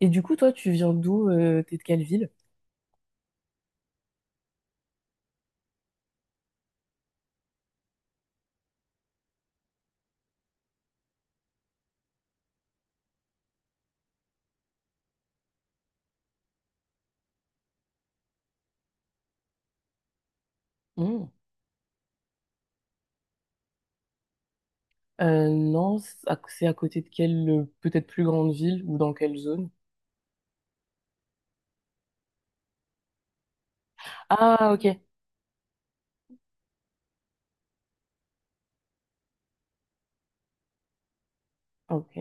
Et du coup, toi, tu viens d'où? T'es de quelle ville? Hmm. Non, c'est à côté de quelle peut-être plus grande ville ou dans quelle zone? Ah, ok. Ok,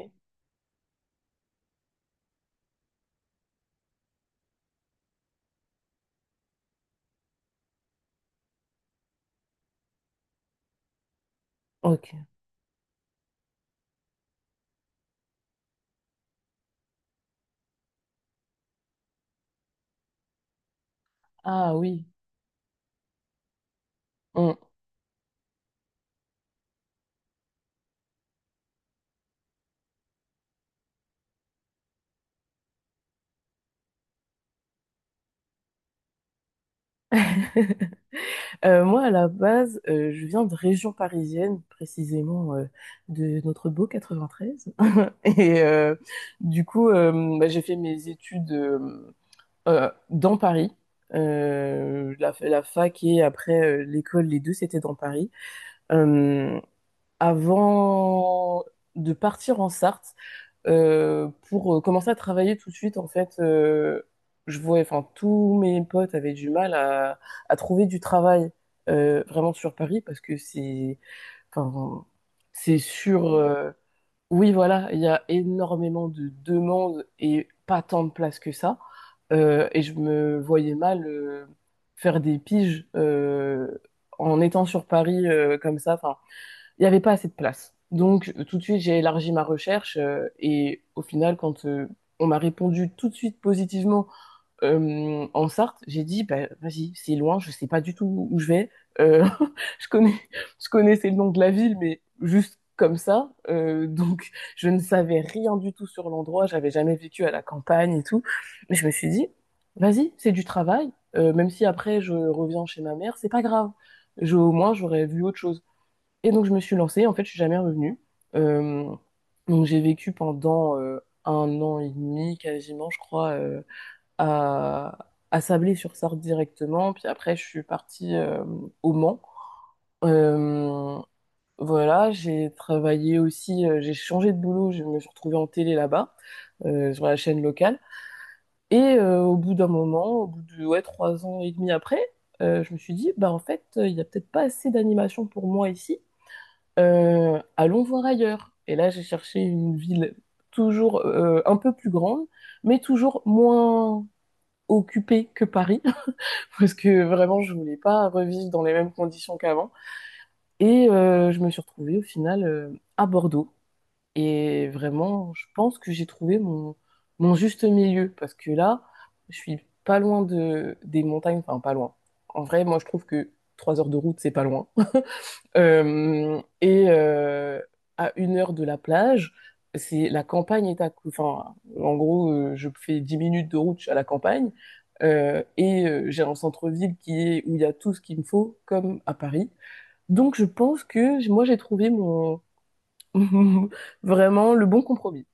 ok. Ah oui. Mm. Moi, à la base, je viens de région parisienne, précisément de notre beau 93. Et du coup, bah, j'ai fait mes études dans Paris. La fac et après l'école, les deux, c'était dans Paris. Euh, Avant de partir en Sarthe, pour commencer à travailler tout de suite, en fait, je vois. Enfin, tous mes potes avaient du mal à trouver du travail vraiment sur Paris parce que c'est, enfin, c'est sur, oui, voilà, il y a énormément de demandes et pas tant de places que ça. Et je me voyais mal faire des piges en étant sur Paris comme ça. Enfin, il n'y avait pas assez de place. Donc tout de suite, j'ai élargi ma recherche et au final, quand on m'a répondu tout de suite positivement en Sarthe, j'ai dit bah, vas-y, c'est loin, je ne sais pas du tout où je vais. Euh, je connais, je connaissais le nom de la ville, mais juste comme ça. Donc je ne savais rien du tout sur l'endroit, j'avais jamais vécu à la campagne et tout. Mais je me suis dit vas-y, c'est du travail. Même si après je reviens chez ma mère, c'est pas grave. Au moins j'aurais vu autre chose. Et donc, je me suis lancée. En fait, je suis jamais revenue. Euh, donc, j'ai vécu pendant un an et demi, quasiment, je crois, à, à Sablé-sur-Sarthe directement. Puis après, je suis partie au Mans. Euh, voilà, j'ai travaillé aussi, j'ai changé de boulot. Je me suis retrouvée en télé là-bas, sur la chaîne locale. Et au bout d'un moment, au bout de ouais, trois ans et demi après, je me suis dit, bah en fait, il n'y a peut-être pas assez d'animation pour moi ici. Allons voir ailleurs. Et là, j'ai cherché une ville toujours un peu plus grande, mais toujours moins occupée que Paris, parce que vraiment, je voulais pas revivre dans les mêmes conditions qu'avant. Et je me suis retrouvée au final à Bordeaux. Et vraiment, je pense que j'ai trouvé mon juste milieu, parce que là, je suis pas loin des montagnes, enfin pas loin. En vrai, moi, je trouve que trois heures de route, c'est pas loin. Et à une heure de la plage, c'est la campagne est à, cou- enfin, en gros, je fais 10 minutes de route à la campagne et j'ai un centre-ville qui est où il y a tout ce qu'il me faut, comme à Paris. Donc, je pense que moi, j'ai trouvé mon vraiment le bon compromis.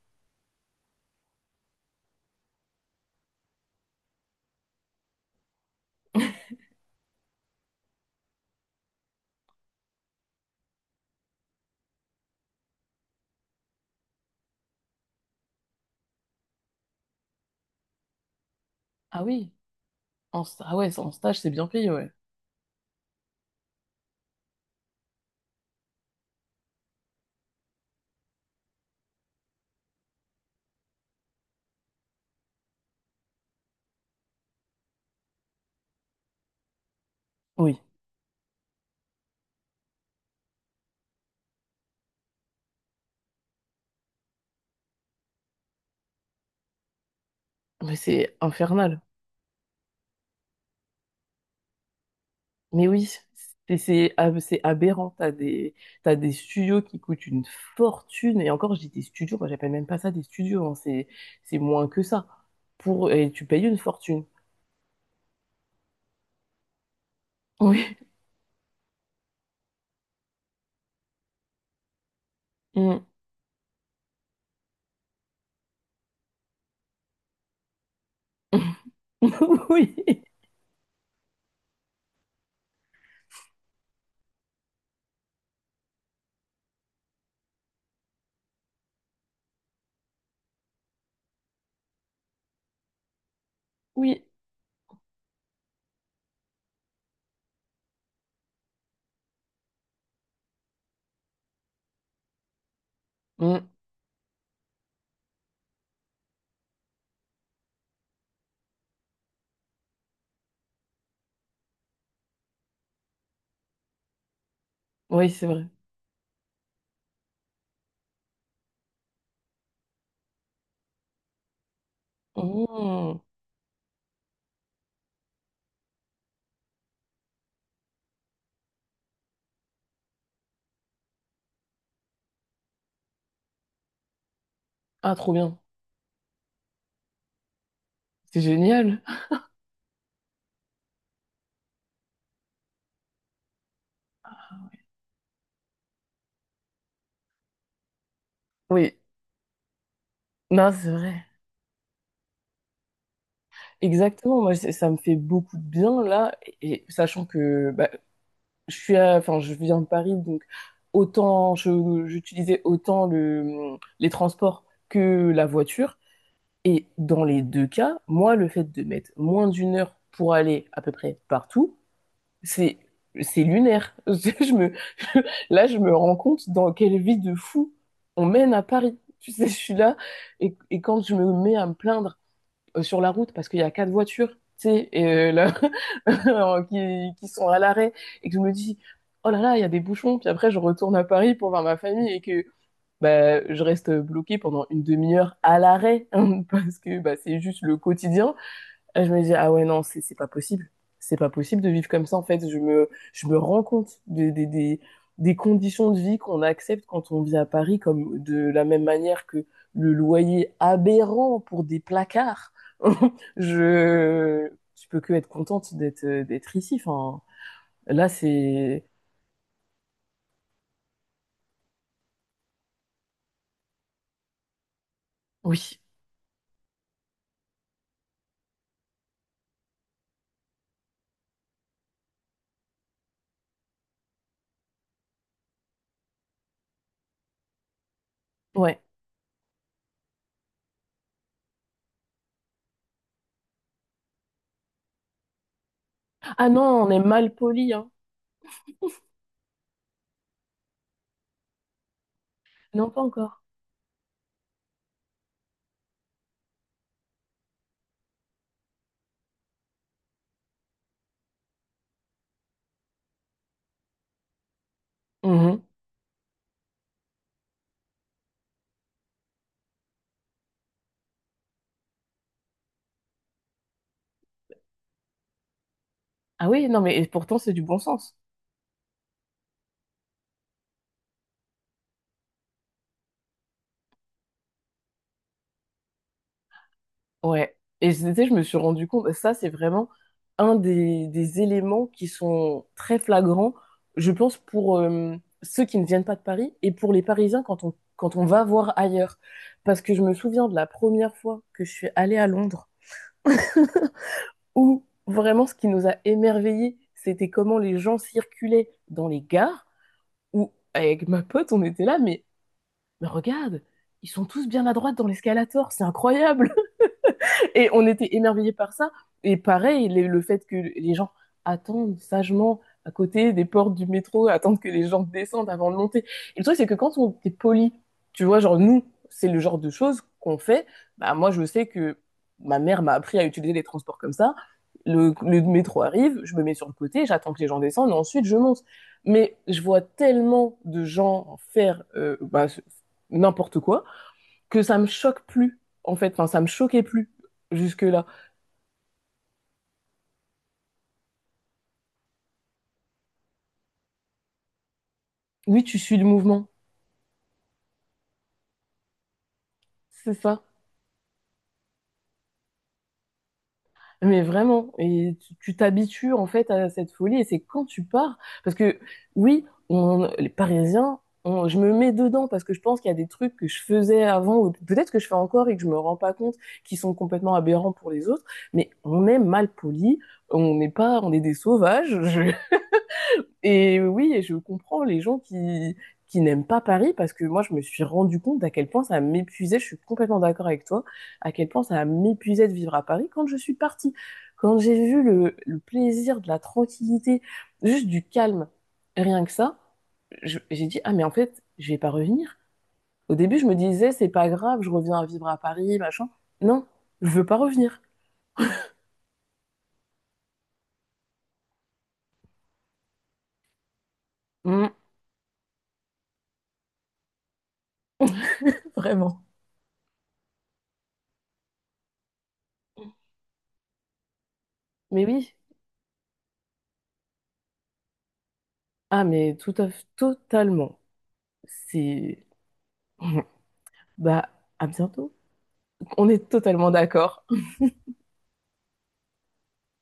Ah oui. Ah ouais, en stage, c'est bien payé, ouais. Oui. Mais c'est infernal. Mais oui, c'est aberrant. T'as des studios qui coûtent une fortune. Et encore, je dis des studios, moi j'appelle même pas ça des studios, hein. C'est moins que ça. Et tu payes une fortune. Oui. Mm. Oui. Oui. Mm. Oui, c'est vrai. Mm. Ah, trop bien. C'est génial. Oui, non, c'est vrai. Exactement. Moi, ça me fait beaucoup de bien là, et sachant que bah, enfin, je viens de Paris, donc autant j'utilisais autant les transports que la voiture. Et dans les deux cas, moi, le fait de mettre moins d'une heure pour aller à peu près partout, C'est c'est lunaire. Je me Là, je me rends compte dans quelle vie de fou on mène à Paris. Tu sais, je suis là et quand je me mets à me plaindre sur la route parce qu'il y a quatre voitures, tu sais, là, qui sont à l'arrêt et que je me dis oh là là, il y a des bouchons, puis après je retourne à Paris pour voir ma famille et que bah, je reste bloquée pendant une demi-heure à l'arrêt parce que bah, c'est juste le quotidien et je me dis, ah ouais, non, c'est pas possible. C'est pas possible de vivre comme ça, en fait. Je me rends compte des conditions de vie qu'on accepte quand on vit à Paris, comme de la même manière que le loyer aberrant pour des placards. Je peux que être contente d'être ici. Enfin, là, c'est. Oui, ouais. Ah non, on est mal poli, hein. Non, pas encore. Mhm. Ah oui, non, mais pourtant, c'est du bon sens. Ouais. Et tu sais, je me suis rendu compte, bah, ça, c'est vraiment un des éléments qui sont très flagrants, je pense, pour ceux qui ne viennent pas de Paris et pour les Parisiens quand on va voir ailleurs. Parce que je me souviens de la première fois que je suis allée à Londres, où vraiment ce qui nous a émerveillés, c'était comment les gens circulaient dans les gares, où avec ma pote, on était là, mais regarde, ils sont tous bien à droite dans l'escalator, c'est incroyable! Et on était émerveillés par ça. Et pareil, le fait que les gens attendent sagement à côté des portes du métro, attendent que les gens descendent avant de monter. Et le truc, c'est que quand on est poli, tu vois, genre nous, c'est le genre de choses qu'on fait. Bah, moi, je sais que ma mère m'a appris à utiliser les transports comme ça. Le métro arrive, je me mets sur le côté, j'attends que les gens descendent, et ensuite je monte. Mais je vois tellement de gens faire bah, n'importe quoi que ça me choque plus, en fait. Enfin, ça me choquait plus jusque-là. Oui, tu suis le mouvement, c'est ça. Mais vraiment, et tu t'habitues en fait à cette folie. Et c'est quand tu pars, parce que oui, les Parisiens, je me mets dedans parce que je pense qu'il y a des trucs que je faisais avant, ou peut-être que je fais encore et que je me rends pas compte, qui sont complètement aberrants pour les autres. Mais on est mal poli, on n'est pas, on est des sauvages. Et oui, et je comprends les gens qui n'aiment pas Paris parce que moi, je me suis rendu compte à quel point ça m'épuisait. Je suis complètement d'accord avec toi, à quel point ça m'épuisait de vivre à Paris quand je suis partie. Quand j'ai vu le plaisir de la tranquillité, juste du calme, rien que ça, j'ai dit, ah, mais en fait, je vais pas revenir. Au début, je me disais, c'est pas grave, je reviens vivre à Paris, machin. Non, je veux pas revenir. Mm. Vraiment. Mais oui. Ah, mais totalement. C'est. Bah, à bientôt. On est totalement d'accord.